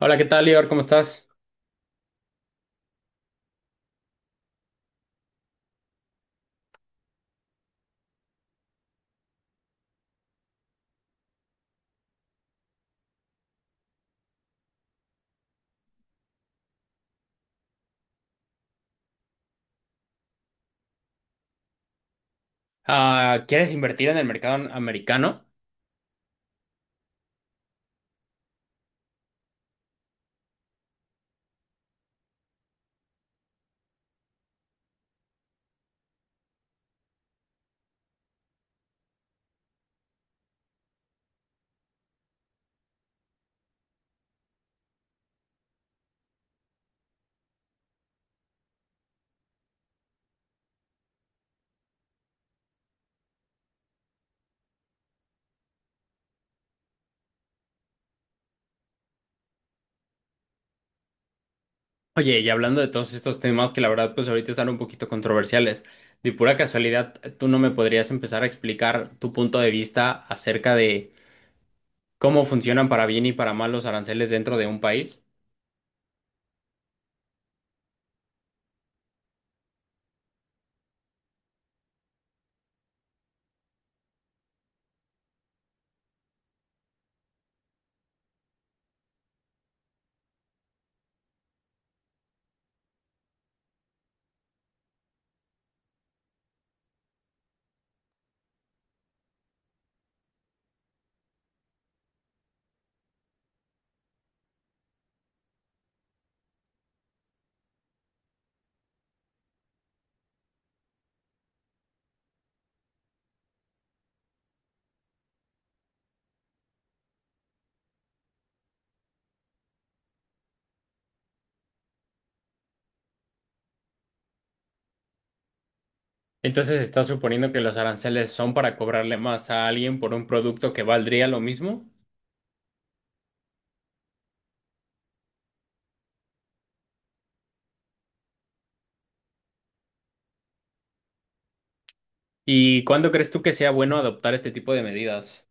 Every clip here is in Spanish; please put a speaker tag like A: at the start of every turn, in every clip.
A: Hola, ¿qué tal, Lior? ¿Cómo estás? Ah, ¿quieres invertir en el mercado americano? Oye, y hablando de todos estos temas que la verdad pues ahorita están un poquito controversiales, de pura casualidad, ¿tú no me podrías empezar a explicar tu punto de vista acerca de cómo funcionan para bien y para mal los aranceles dentro de un país? Entonces, ¿estás suponiendo que los aranceles son para cobrarle más a alguien por un producto que valdría lo mismo? ¿Y cuándo crees tú que sea bueno adoptar este tipo de medidas?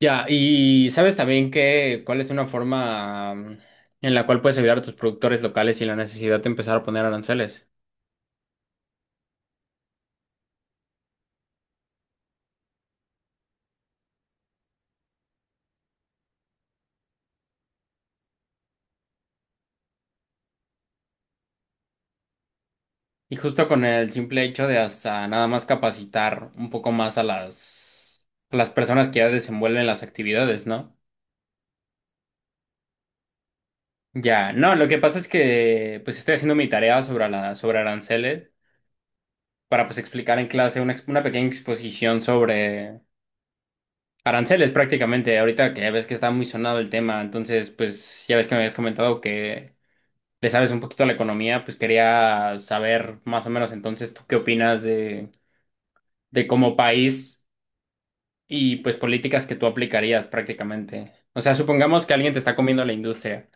A: Ya, y sabes también que cuál es una forma en la cual puedes ayudar a tus productores locales sin la necesidad de empezar a poner aranceles. Y justo con el simple hecho de hasta nada más capacitar un poco más a a las personas que ya desenvuelven las actividades, ¿no? Ya, no, lo que pasa es que pues estoy haciendo mi tarea sobre aranceles para pues explicar en clase una pequeña exposición sobre aranceles prácticamente, ahorita que ya ves que está muy sonado el tema, entonces pues ya ves que me habías comentado que le sabes un poquito a la economía, pues quería saber más o menos entonces tú qué opinas de como país y pues políticas que tú aplicarías prácticamente. O sea, supongamos que alguien te está comiendo la industria.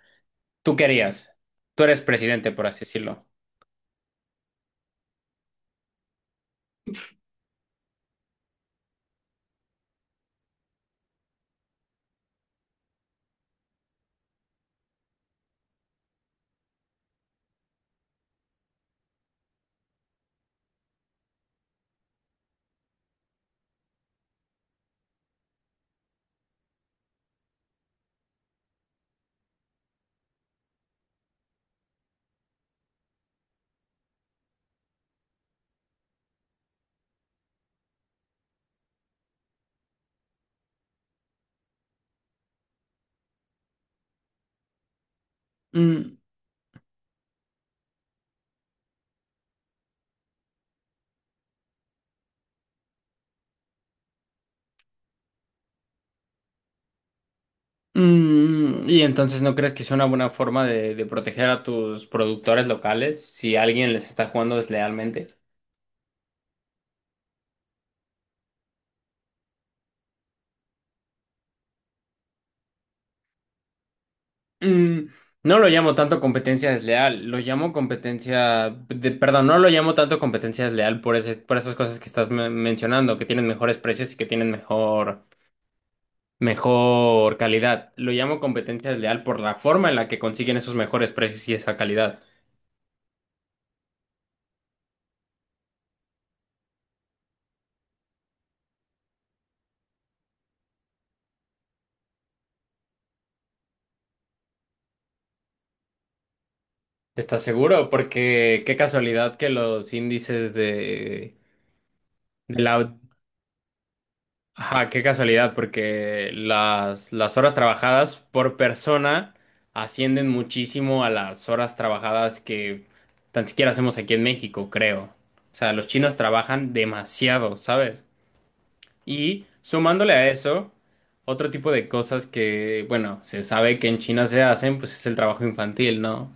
A: ¿Tú qué harías? Tú eres presidente, por así decirlo. Mm, mm, y entonces, ¿no crees que es una buena forma de proteger a tus productores locales si alguien les está jugando deslealmente? Mm, no lo llamo tanto competencia desleal, lo llamo perdón, no lo llamo tanto competencia desleal por ese, por esas cosas que estás mencionando, que tienen mejores precios y que tienen mejor calidad. Lo llamo competencia desleal por la forma en la que consiguen esos mejores precios y esa calidad. ¿Estás seguro? Porque qué casualidad que los índices de la. Ajá, qué casualidad, porque las horas trabajadas por persona ascienden muchísimo a las horas trabajadas que tan siquiera hacemos aquí en México, creo. O sea, los chinos trabajan demasiado, ¿sabes? Y sumándole a eso, otro tipo de cosas que, bueno, se sabe que en China se hacen, pues es el trabajo infantil, ¿no?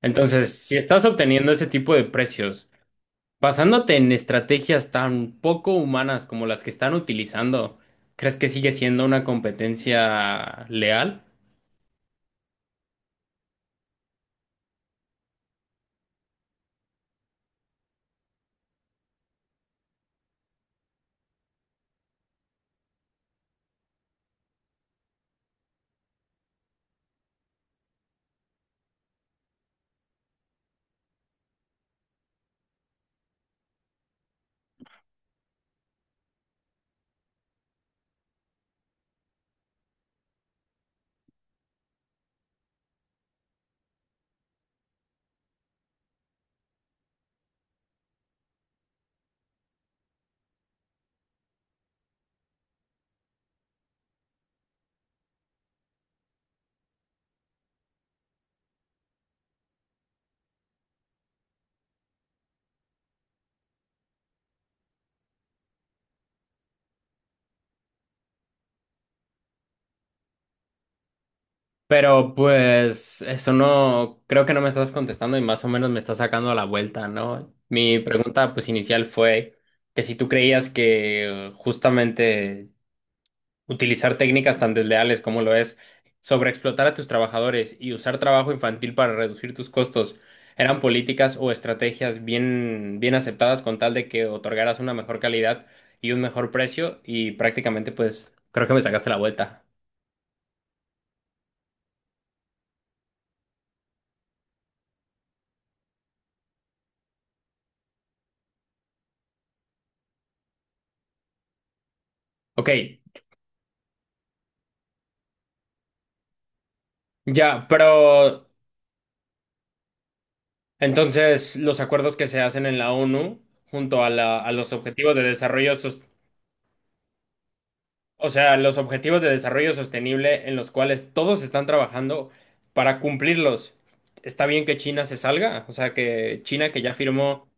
A: Entonces, si estás obteniendo ese tipo de precios, basándote en estrategias tan poco humanas como las que están utilizando, ¿crees que sigue siendo una competencia leal? Pero pues eso no, creo que no me estás contestando y más o menos me estás sacando a la vuelta, ¿no? Mi pregunta pues inicial fue que si tú creías que justamente utilizar técnicas tan desleales como lo es sobreexplotar a tus trabajadores y usar trabajo infantil para reducir tus costos eran políticas o estrategias bien aceptadas con tal de que otorgaras una mejor calidad y un mejor precio y prácticamente pues creo que me sacaste la vuelta. Ok, ya, pero entonces los acuerdos que se hacen en la ONU junto a los objetivos de desarrollo sostenible. O sea, los objetivos de desarrollo sostenible en los cuales todos están trabajando para cumplirlos. Está bien que China se salga, o sea, que China que ya firmó...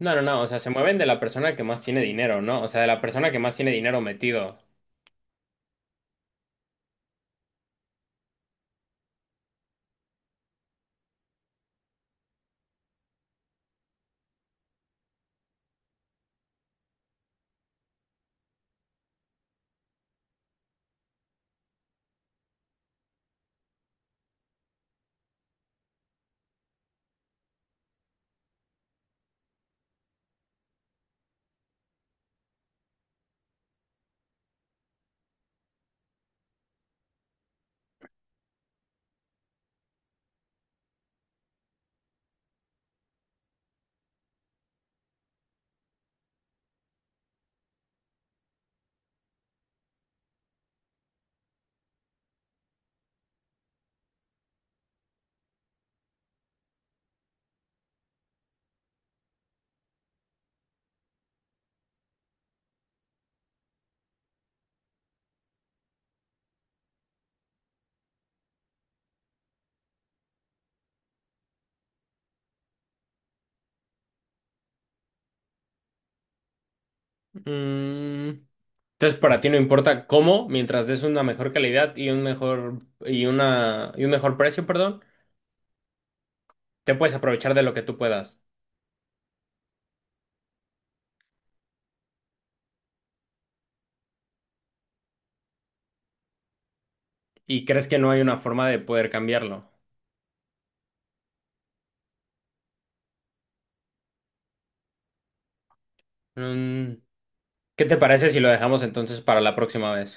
A: No, no, no, o sea, se mueven de la persona que más tiene dinero, ¿no? O sea, de la persona que más tiene dinero metido. Mm, entonces, para ti no importa cómo, mientras des una mejor calidad y un mejor y una y un mejor precio, perdón, te puedes aprovechar de lo que tú puedas. Y crees que no hay una forma de poder cambiarlo. Mm, ¿qué te parece si lo dejamos entonces para la próxima vez?